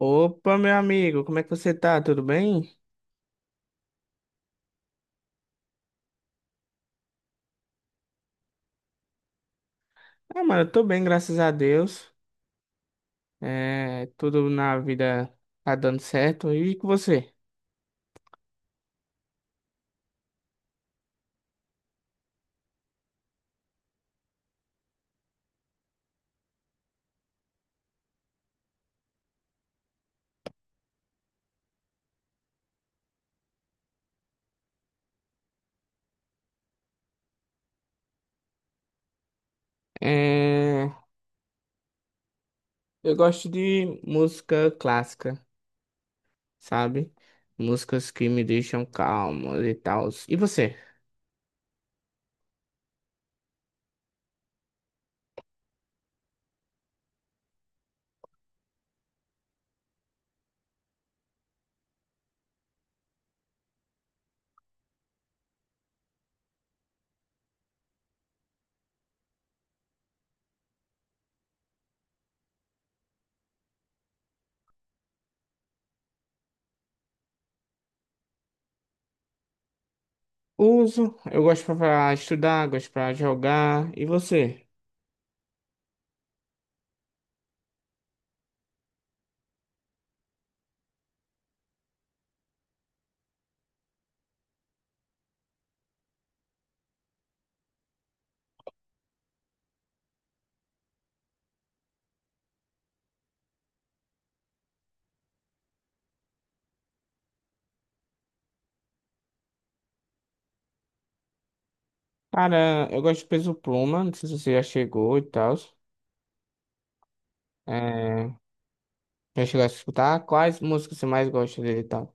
Opa, meu amigo, como é que você tá? Tudo bem? Ah, mano, eu tô bem, graças a Deus. É, tudo na vida tá dando certo. E com você? É, eu gosto de música clássica, sabe? Músicas que me deixam calmo e tal. E você? Uso, eu gosto pra estudar, gosto pra jogar. E você? Cara, eu gosto de Peso Pluma, não sei se você já chegou e tal. É, já chegou a escutar? Quais músicas você mais gosta dele e tal?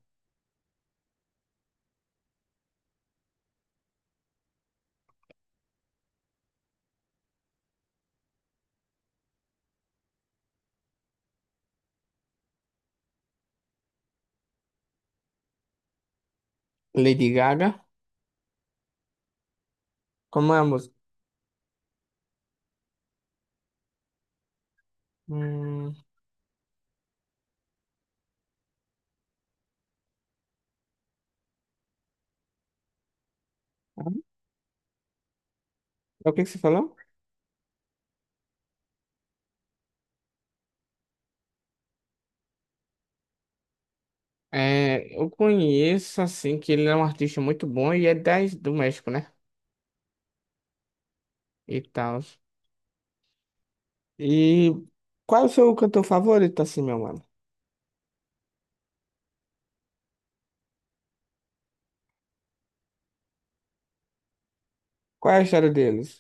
Lady Gaga. Como é a música? Hum, é o que você falou? É, eu conheço, assim, que ele é um artista muito bom e é das do México, né? E tal. E qual é o seu cantor favorito, assim, meu mano? Qual é a história deles?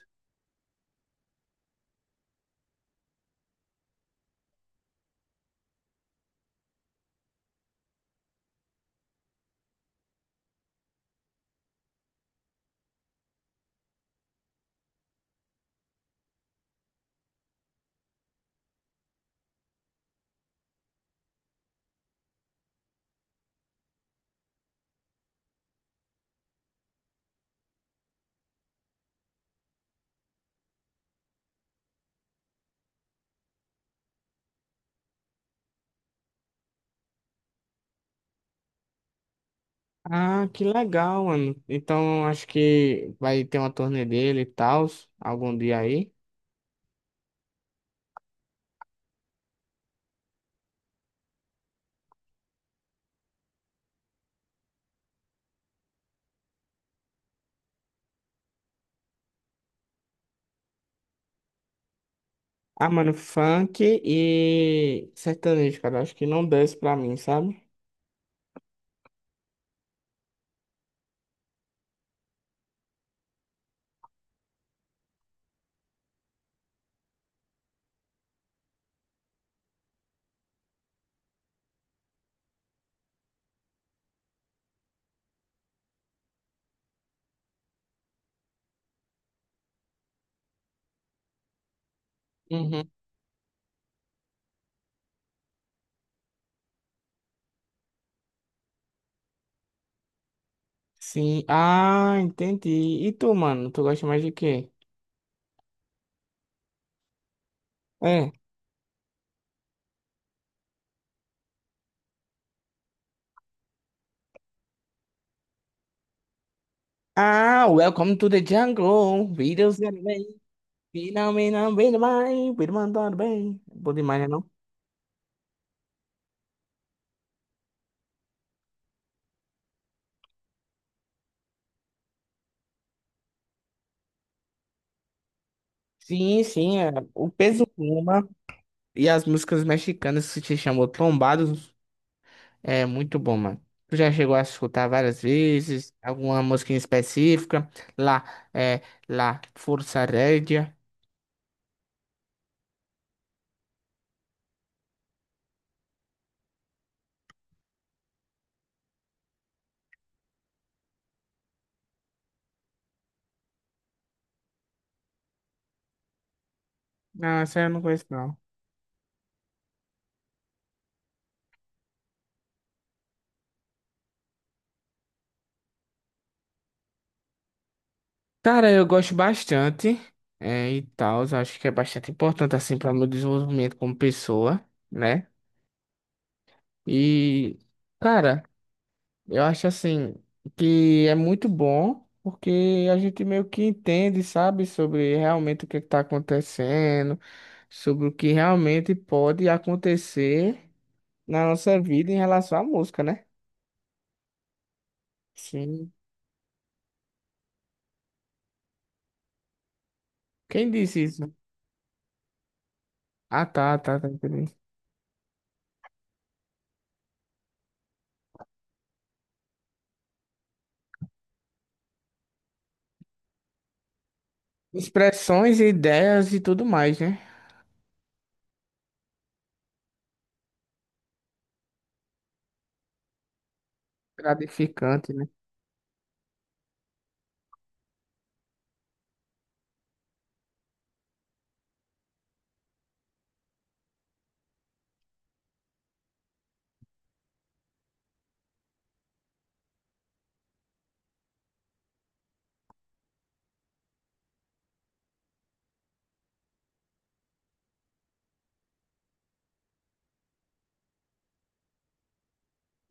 Ah, que legal, mano. Então, acho que vai ter uma turnê dele e tal, algum dia aí. Ah, mano, funk e sertanejo, cara. Acho que não desce pra mim, sabe? Uhum. Sim. Ah, entendi. E tu, mano? Tu gosta mais de quê? É. Ah, welcome to the jungle. Videos that way. Finalmente, bem demais. Bem mandado bem. Bom demais, né, não? Sim, sim. É. O Peso Pluma e as músicas mexicanas que se chamam Trombados. É muito bom, mano. Tu já chegou a escutar várias vezes? Alguma música em específica? Lá, é, lá, Força Rédea. Não, essa eu não conheço, não. Cara, eu gosto bastante, é, e tal. Acho que é bastante importante, assim, para meu desenvolvimento como pessoa, né? E, cara, eu acho, assim, que é muito bom, porque a gente meio que entende, sabe, sobre realmente o que está acontecendo, sobre o que realmente pode acontecer na nossa vida em relação à música, né? Sim. Quem disse isso? Ah, tá, tá, tá, entendi. Expressões, ideias e tudo mais, né? Gratificante, né?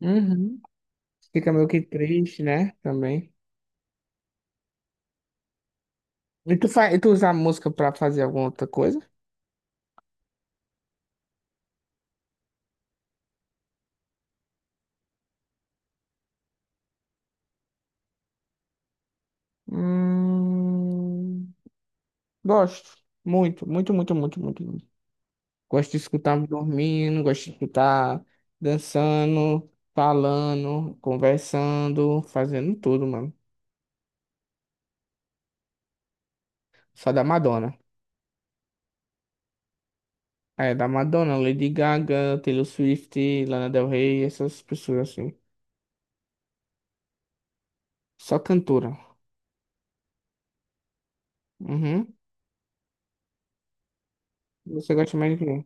Uhum. Fica meio que triste, né? Também. E tu usa a música pra fazer alguma outra coisa? Hum. Gosto. Muito, muito, muito, muito, muito, muito. Gosto de escutar dormindo, gosto de escutar dançando, falando, conversando, fazendo tudo, mano. Só da Madonna. É, da Madonna, Lady Gaga, Taylor Swift, Lana Del Rey, essas pessoas assim. Só cantora. Uhum. Você gosta mais do quê?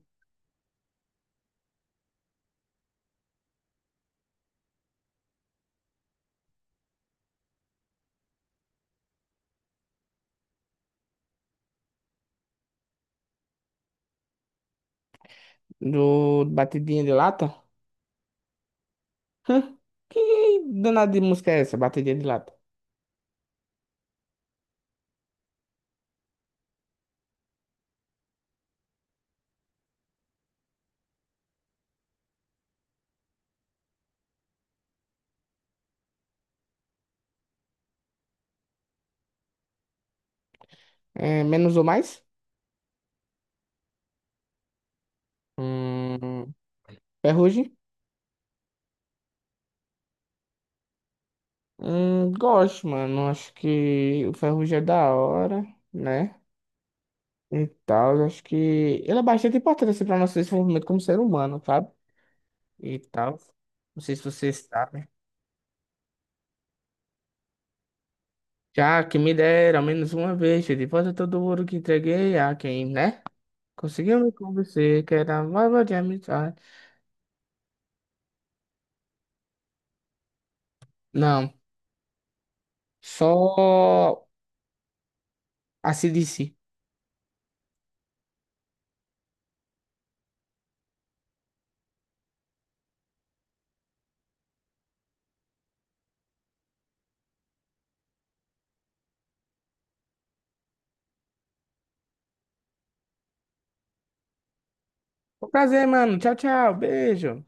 Do Batidinha de Lata? Hã? Que danada de música é essa, Batidinha de Lata? É, menos ou mais? Hum, Ferrugem? Gosto, mano. Acho que o Ferrugem é da hora, né? E tal, acho que ele é bastante importante assim, para nosso desenvolvimento como ser humano, sabe? E tal. Não sei se você sabe. Já que me deram ao menos uma vez, de volta todo o ouro que entreguei a quem, né? Conseguiu me convencer que era uma de amizade. Não, só a CDC. Foi um prazer, mano. Tchau, tchau. Beijo.